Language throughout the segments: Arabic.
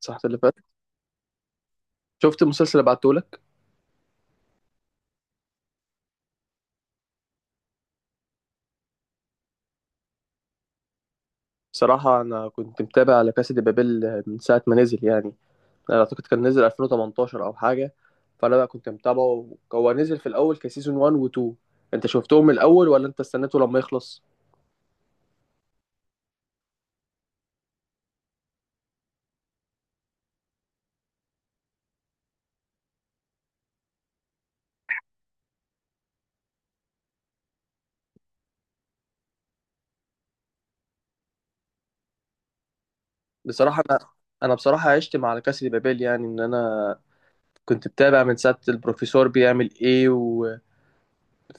صح اللي فات. شفت المسلسل اللي بعتهولك؟ بصراحة أنا كنت متابع لكاسا دي بابيل من ساعة ما نزل، يعني أنا أعتقد كان نزل 2018 أو حاجة. فأنا بقى كنت متابعه، هو نزل في الأول كسيزون 1 و 2. أنت شفتهم من الأول ولا أنت استنيته لما يخلص؟ بصراحة أنا عشت مع لكاسا دي بابيل، يعني إن أنا كنت متابع من ساعة البروفيسور بيعمل إيه،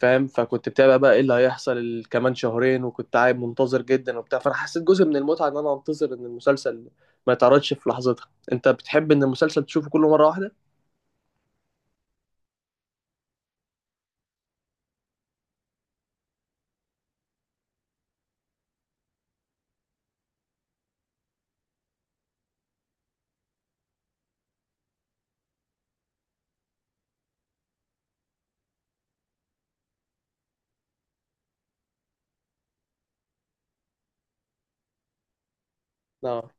فاهم؟ فكنت بتابع بقى ايه اللي هيحصل كمان شهرين، وكنت قاعد منتظر جدا وبتاع. فانا حسيت جزء من المتعه ان انا انتظر ان المسلسل ما يتعرضش في لحظتها. انت بتحب ان المسلسل تشوفه كله مره واحده؟ اه.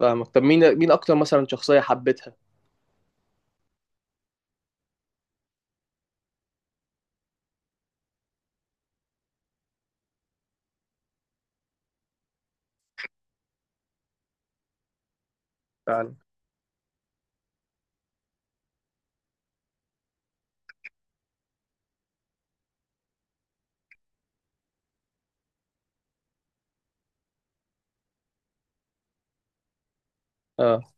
فاهمك. طب مين اكتر مثلا شخصيه حبيتها؟ فعلا. اه،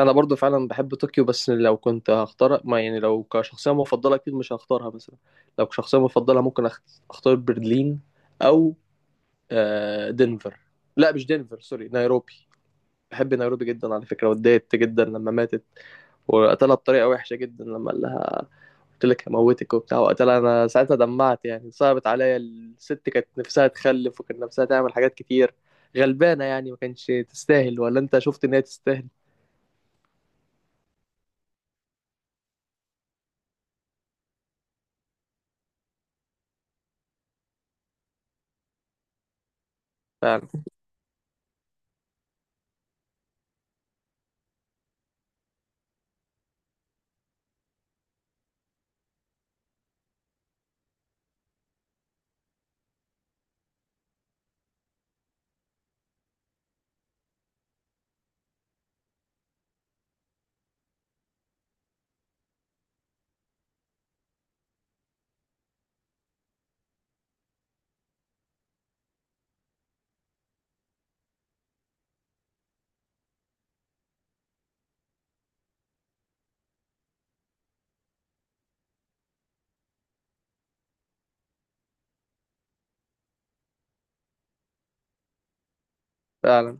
انا برضو فعلا بحب طوكيو، بس لو كنت هختار، ما يعني لو كشخصيه مفضله اكيد مش هختارها مثلا. لو كشخصيه مفضله ممكن اختار برلين، او آه، دنفر. لا مش دنفر، سوري، نيروبي. بحب نيروبي جدا على فكرة، واتضايقت جدا لما ماتت. وقتلها بطريقة وحشة جدا، لما قال لها قلت لك هموتك وبتاع وقتلها. أنا ساعتها دمعت، يعني صعبت عليا، الست كانت نفسها تخلف وكانت نفسها تعمل حاجات كتير. غلبانة يعني، ما كانش تستاهل، ولا أنت شفت إن هي تستاهل؟ فعلا. فعلا.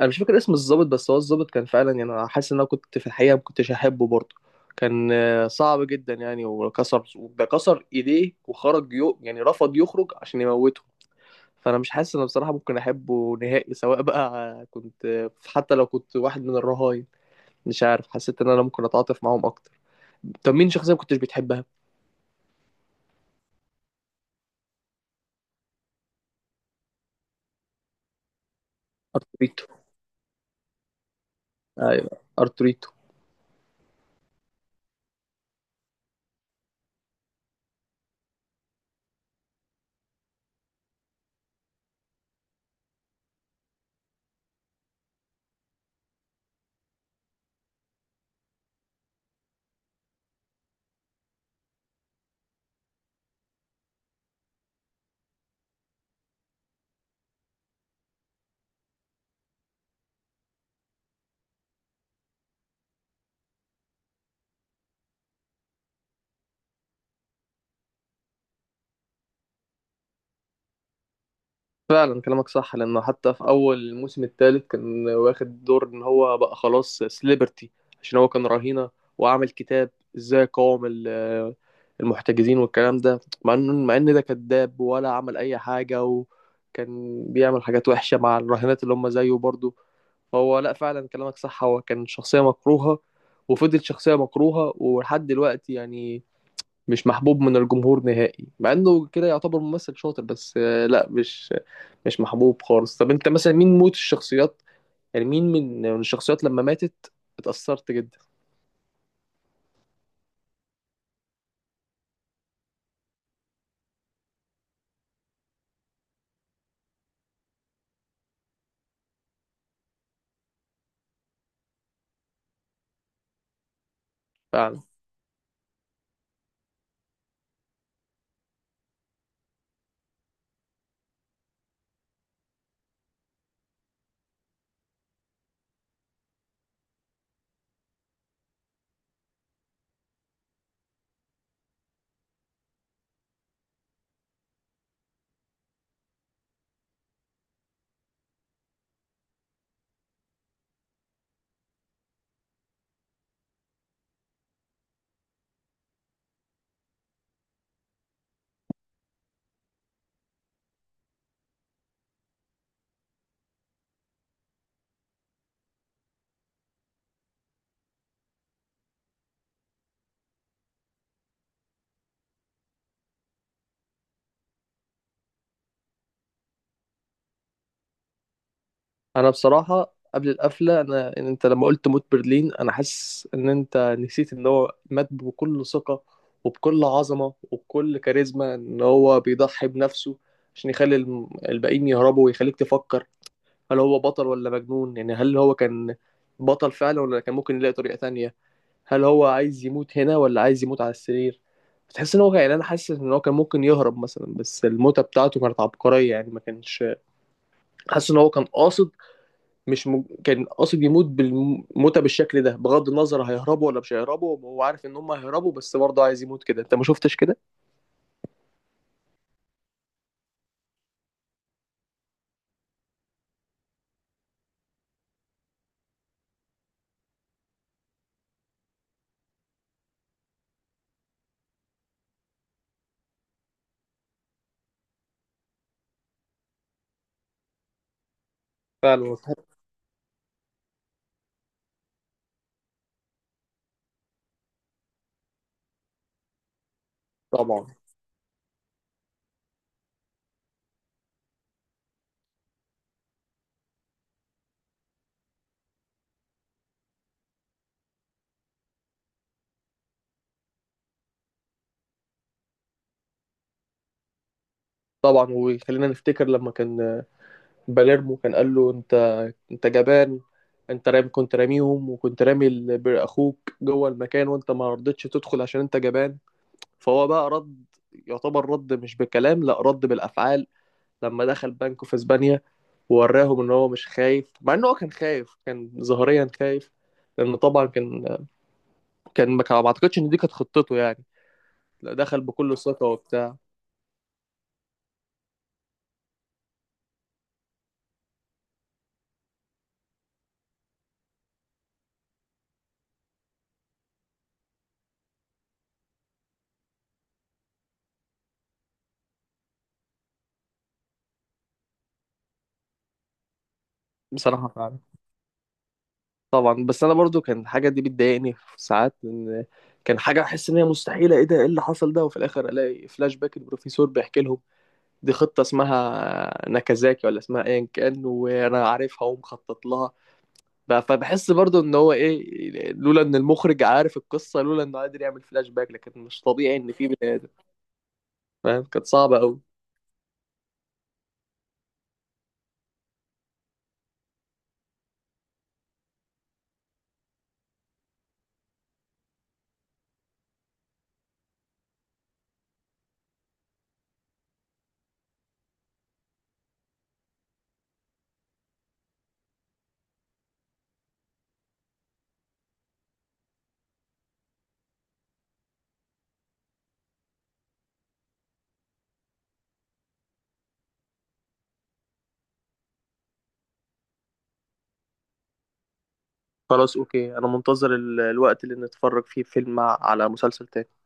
أنا مش فاكر اسم الضابط، بس هو الضابط كان فعلا، يعني أنا حاسس إن أنا كنت في الحقيقة ما كنتش أحبه برضه. كان آه، صعب جدا يعني، وكسر ده كسر إيديه وخرج، يو يعني رفض يخرج عشان يموته. فانا مش حاسس ان بصراحه ممكن احبه نهائي، سواء بقى كنت، حتى لو كنت واحد من الرهاين. مش عارف، حسيت ان انا ممكن اتعاطف معاهم اكتر. طب مين شخصيه ما كنتش بتحبها؟ ارتوريتو. ايوه، ارتوريتو. فعلا كلامك صح، لانه حتى في اول الموسم الثالث كان واخد دور ان هو بقى خلاص سليبرتي، عشان هو كان رهينه، وعمل كتاب ازاي قاوم المحتجزين والكلام ده، مع ان مع ان ده كذاب ولا عمل اي حاجه، وكان بيعمل حاجات وحشه مع الرهينات اللي هم زيه برضه. هو لا، فعلا كلامك صح، هو كان شخصية مكروهة، وفضل شخصية مكروهة ولحد دلوقتي يعني. مش محبوب من الجمهور نهائي، مع انه كده يعتبر ممثل شاطر، بس آه، لا مش محبوب خالص. طب انت مثلا مين موت الشخصيات، يعني مين من الشخصيات لما ماتت اتأثرت جدا؟ فعلا. انا بصراحه قبل القفله، انا إن انت لما قلت موت برلين، انا حاسس ان انت نسيت ان هو مات بكل ثقه وبكل عظمه وبكل كاريزما، ان هو بيضحي بنفسه عشان يخلي الباقيين يهربوا، ويخليك تفكر هل هو بطل ولا مجنون. يعني هل هو كان بطل فعلا ولا كان ممكن يلاقي طريقه تانية؟ هل هو عايز يموت هنا ولا عايز يموت على السرير؟ بتحس ان هو، يعني انا حاسس ان هو كان ممكن يهرب مثلا، بس الموتة بتاعته كانت عبقرية يعني. ما كانش حاسس ان هو كان قاصد، مش م... كان قاصد يموت بالموتة بالشكل ده، بغض النظر هيهربوا ولا مش هيهربوا. هو عارف ان هم هيهربوا، بس برضه عايز يموت كده. انت ما شفتش كده؟ فعلا. طبعا. طبعا، وخلينا نفتكر لما كان باليرمو كان قال له انت، انت جبان، انت رامي، كنت راميهم، وكنت رامي اخوك جوه المكان، وانت ما رضيتش تدخل عشان انت جبان. فهو بقى رد، يعتبر رد مش بالكلام، لا رد بالافعال، لما دخل بنك في اسبانيا، ووراهم ان هو مش خايف، مع ان هو كان خايف، كان ظاهريا خايف، لان طبعا كان، ما اعتقدش ان دي كانت خطته يعني. لا دخل بكل ثقه وبتاع. بصراحه فعلا. طبعا، بس انا برضو كان الحاجه دي بتضايقني في ساعات، لان كان حاجه احس ان هي مستحيله، ايه ده ايه اللي حصل ده، وفي الاخر الاقي فلاش باك البروفيسور بيحكي لهم دي خطه اسمها ناكازاكي ولا اسمها ايا كان، وانا عارفها ومخطط لها. فبحس برضو ان هو ايه، لولا ان المخرج عارف القصه، لولا انه قادر يعمل فلاش باك، لكن مش طبيعي ان في بني ادم. فاهم؟ كانت صعبه قوي. خلاص اوكي، انا منتظر الوقت اللي نتفرج فيه فيلم على مسلسل تاني.